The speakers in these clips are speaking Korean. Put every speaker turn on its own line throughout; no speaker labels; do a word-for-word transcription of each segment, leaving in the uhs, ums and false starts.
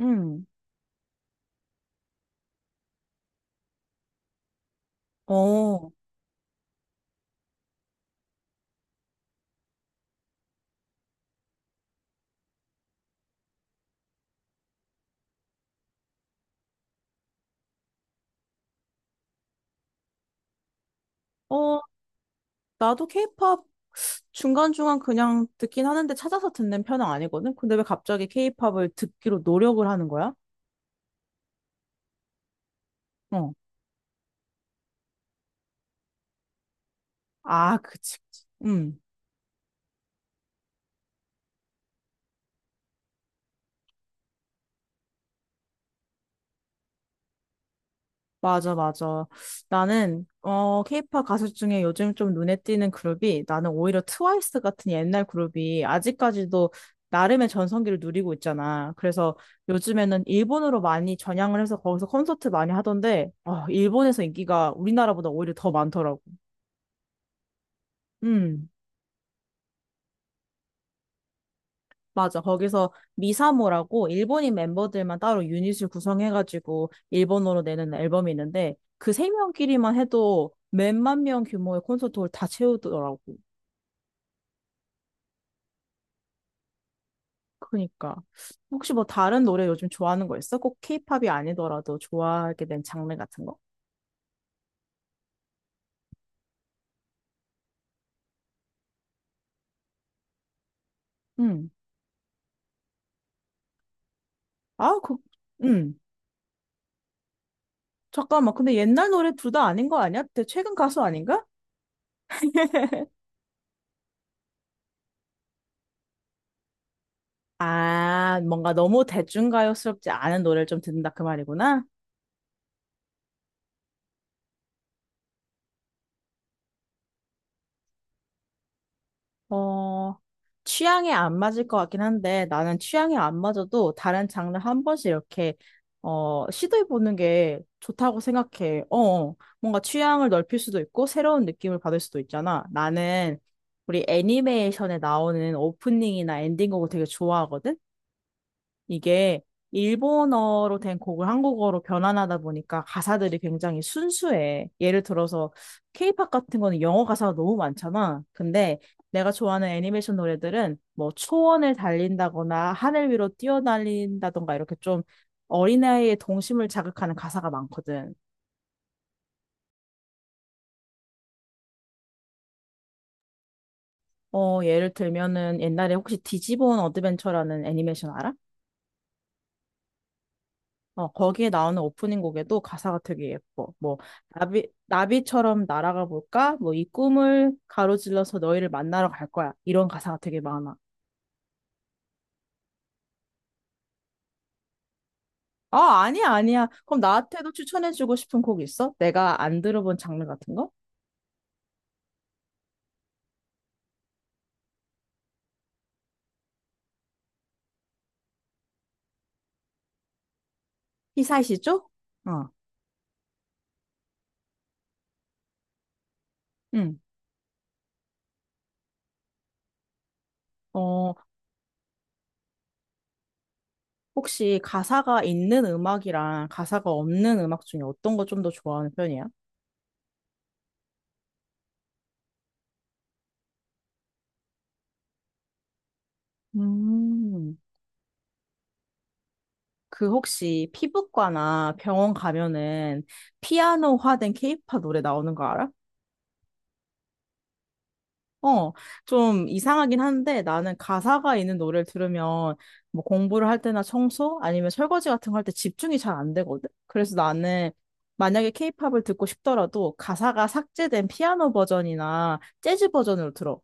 음. 어. 어, 나도 케이팝 중간중간 그냥 듣긴 하는데 찾아서 듣는 편은 아니거든? 근데 왜 갑자기 케이팝을 듣기로 노력을 하는 거야? 어. 아, 그치, 그치. 음. 맞아, 맞아. 나는, 어, 케이팝 가수 중에 요즘 좀 눈에 띄는 그룹이 나는 오히려 트와이스 같은 옛날 그룹이 아직까지도 나름의 전성기를 누리고 있잖아. 그래서 요즘에는 일본으로 많이 전향을 해서 거기서 콘서트 많이 하던데, 어, 일본에서 인기가 우리나라보다 오히려 더 많더라고. 음, 맞아. 거기서 미사모라고 일본인 멤버들만 따로 유닛을 구성해가지고 일본어로 내는 앨범이 있는데 그 세 명끼리만 해도 몇만 명 규모의 콘서트홀 다 채우더라고. 그러니까 혹시 뭐 다른 노래 요즘 좋아하는 거 있어? 꼭 케이팝이 아니더라도 좋아하게 된 장르 같은 거? 음. 아, 그, 음. 잠깐만. 근데 옛날 노래 둘 다 아닌 거 아니야? 대- 최근 가수 아닌가? 아, 뭔가 너무 대중가요스럽지 않은 노래를 좀 듣는다 그 말이구나. 어, 취향에 안 맞을 것 같긴 한데 나는 취향에 안 맞아도 다른 장르 한 번씩 이렇게 어, 시도해보는 게 좋다고 생각해. 어, 어. 뭔가 취향을 넓힐 수도 있고 새로운 느낌을 받을 수도 있잖아. 나는 우리 애니메이션에 나오는 오프닝이나 엔딩곡을 되게 좋아하거든. 이게 일본어로 된 곡을 한국어로 변환하다 보니까 가사들이 굉장히 순수해. 예를 들어서 케이팝 같은 거는 영어 가사가 너무 많잖아. 근데 내가 좋아하는 애니메이션 노래들은 뭐 초원을 달린다거나 하늘 위로 뛰어날린다던가 이렇게 좀 어린아이의 동심을 자극하는 가사가 많거든. 어, 예를 들면은 옛날에 혹시 디지몬 어드벤처라는 애니메이션 알아? 어, 거기에 나오는 오프닝 곡에도 가사가 되게 예뻐. 뭐, 나비, 나비처럼 날아가 볼까? 뭐, 이 꿈을 가로질러서 너희를 만나러 갈 거야. 이런 가사가 되게 많아. 아, 아니야, 아니야. 그럼 나한테도 추천해주고 싶은 곡 있어? 내가 안 들어본 장르 같은 거? 히사이시죠? 어, 응. 어, 혹시 가사가 있는 음악이랑 가사가 없는 음악 중에 어떤 거 좀 더 좋아하는 편이야? 음. 그 혹시 피부과나 병원 가면은 피아노화된 케이팝 노래 나오는 거 알아? 어, 좀 이상하긴 한데 나는 가사가 있는 노래를 들으면 뭐 공부를 할 때나 청소 아니면 설거지 같은 거 할 때 집중이 잘 안 되거든? 그래서 나는 만약에 케이팝을 듣고 싶더라도 가사가 삭제된 피아노 버전이나 재즈 버전으로 들어.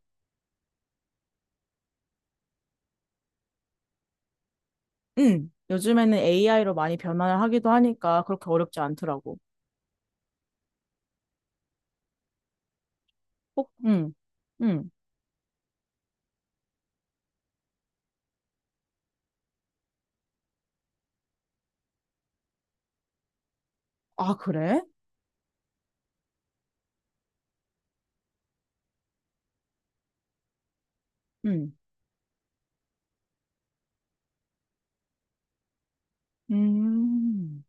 응. 요즘에는 에이아이로 많이 변화를 하기도 하니까 그렇게 어렵지 않더라고. 꼭, 응, 응. 아, 그래? 응. 음,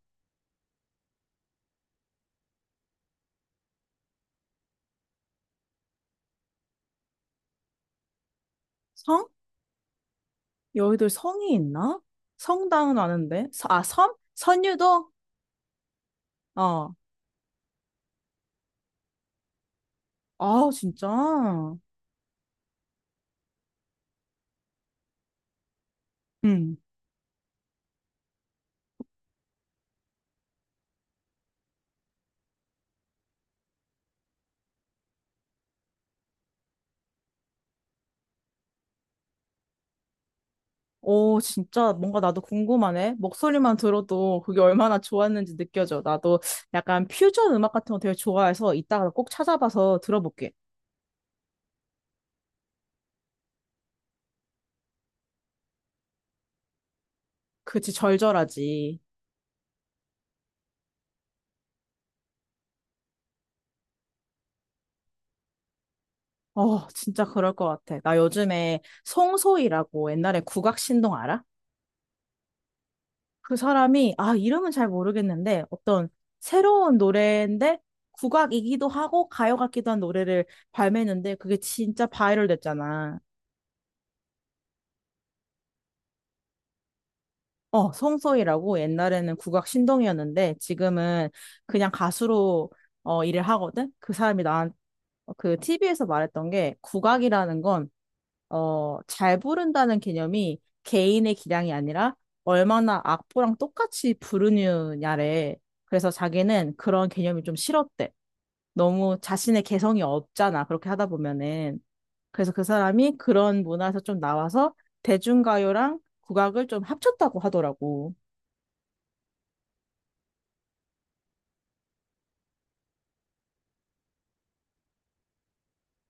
성? 여의도에 성이 있나? 성당은 아는데. 서- 아, 섬? 선유도? 어. 아, 진짜? 음. 오, 진짜 뭔가 나도 궁금하네. 목소리만 들어도 그게 얼마나 좋았는지 느껴져. 나도 약간 퓨전 음악 같은 거 되게 좋아해서 이따가 꼭 찾아봐서 들어볼게. 그치, 절절하지. 어, 진짜 그럴 것 같아. 나 요즘에 송소희라고 옛날에 국악 신동 알아? 그 사람이, 아, 이름은 잘 모르겠는데, 어떤 새로운 노래인데, 국악이기도 하고, 가요 같기도 한 노래를 발매했는데, 그게 진짜 바이럴 됐잖아. 어, 송소희라고 옛날에는 국악 신동이었는데, 지금은 그냥 가수로, 어, 일을 하거든? 그 사람이 나한, 그 티비에서 말했던 게, 국악이라는 건, 어, 잘 부른다는 개념이 개인의 기량이 아니라, 얼마나 악보랑 똑같이 부르느냐래. 그래서 자기는 그런 개념이 좀 싫었대. 너무 자신의 개성이 없잖아. 그렇게 하다 보면은. 그래서 그 사람이 그런 문화에서 좀 나와서 대중가요랑 국악을 좀 합쳤다고 하더라고.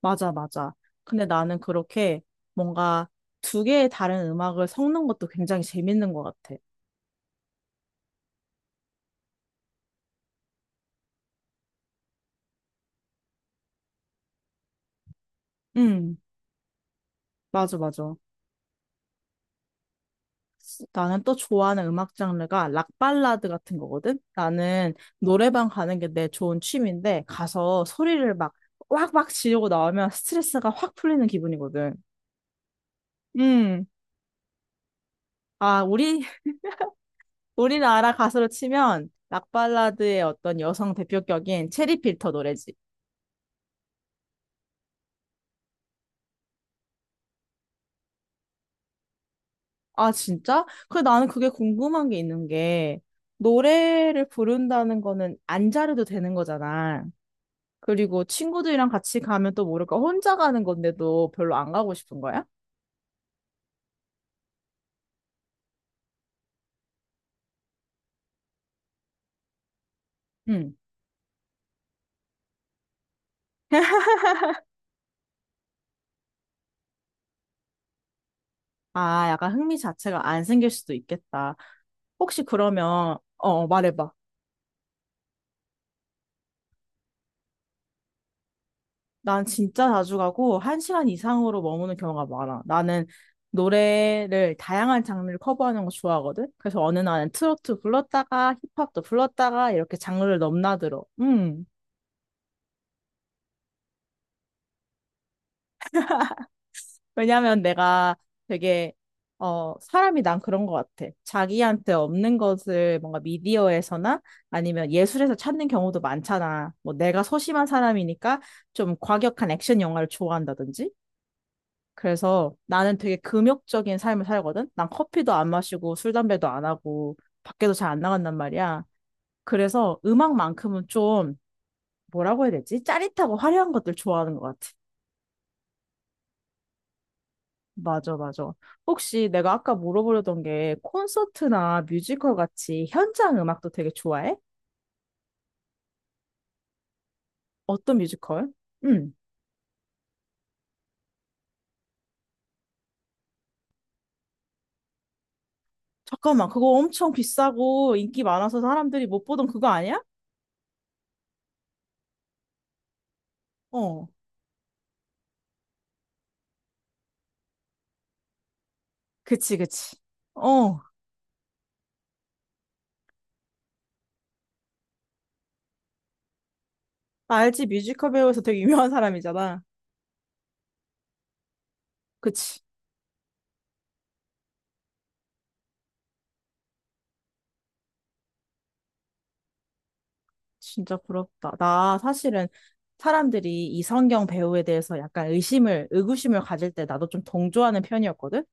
맞아, 맞아. 근데 나는 그렇게 뭔가 두 개의 다른 음악을 섞는 것도 굉장히 재밌는 것 같아. 음, 맞아, 맞아. 나는 또 좋아하는 음악 장르가 락 발라드 같은 거거든. 나는 노래방 가는 게 내 좋은 취미인데 가서 소리를 막 왁왁 지르고 나오면 스트레스가 확 풀리는 기분이거든. 음. 아, 우리, 우리나라 가수로 치면 락발라드의 어떤 여성 대표격인 체리 필터 노래지. 아, 진짜? 그 나는 그게 궁금한 게 있는 게, 노래를 부른다는 거는 안 잘해도 되는 거잖아. 그리고 친구들이랑 같이 가면 또 모를까 혼자 가는 건데도 별로 안 가고 싶은 거야? 응. 아, 약간 흥미 자체가 안 생길 수도 있겠다. 혹시 그러면, 어, 어, 말해봐. 난 진짜 자주 가고 한 시간 이상으로 머무는 경우가 많아. 나는 노래를 다양한 장르를 커버하는 거 좋아하거든. 그래서 어느 날은 트로트 불렀다가 힙합도 불렀다가 이렇게 장르를 넘나들어. 음. 왜냐면 내가 되게 어 사람이 난 그런 것 같아. 자기한테 없는 것을 뭔가 미디어에서나 아니면 예술에서 찾는 경우도 많잖아. 뭐 내가 소심한 사람이니까 좀 과격한 액션 영화를 좋아한다든지. 그래서 나는 되게 금욕적인 삶을 살거든? 난 커피도 안 마시고 술, 담배도 안 하고 밖에도 잘 안 나간단 말이야. 그래서 음악만큼은 좀 뭐라고 해야 되지? 짜릿하고 화려한 것들 좋아하는 것 같아. 맞아, 맞아. 혹시 내가 아까 물어보려던 게 콘서트나 뮤지컬 같이 현장 음악도 되게 좋아해? 어떤 뮤지컬? 응. 잠깐만, 그거 엄청 비싸고 인기 많아서 사람들이 못 보던 그거 아니야? 어. 그치, 그치. 어. 알지, 뮤지컬 배우에서 되게 유명한 사람이잖아. 그치. 진짜 부럽다. 나 사실은 사람들이 이성경 배우에 대해서 약간 의심을, 의구심을 가질 때 나도 좀 동조하는 편이었거든?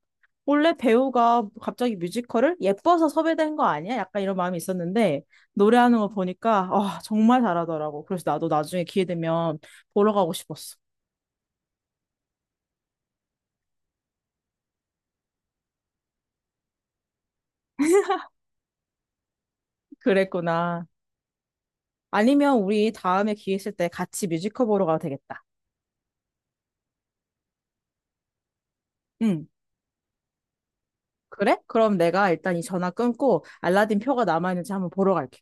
원래 배우가 갑자기 뮤지컬을 예뻐서 섭외된 거 아니야? 약간 이런 마음이 있었는데 노래하는 거 보니까 아, 정말 잘하더라고. 그래서 나도 나중에 기회 되면 보러 가고 싶었어. 그랬구나. 아니면 우리 다음에 기회 있을 때 같이 뮤지컬 보러 가도 되겠다. 응. 그래? 그럼 내가 일단 이 전화 끊고 알라딘 표가 남아있는지 한번 보러 갈게.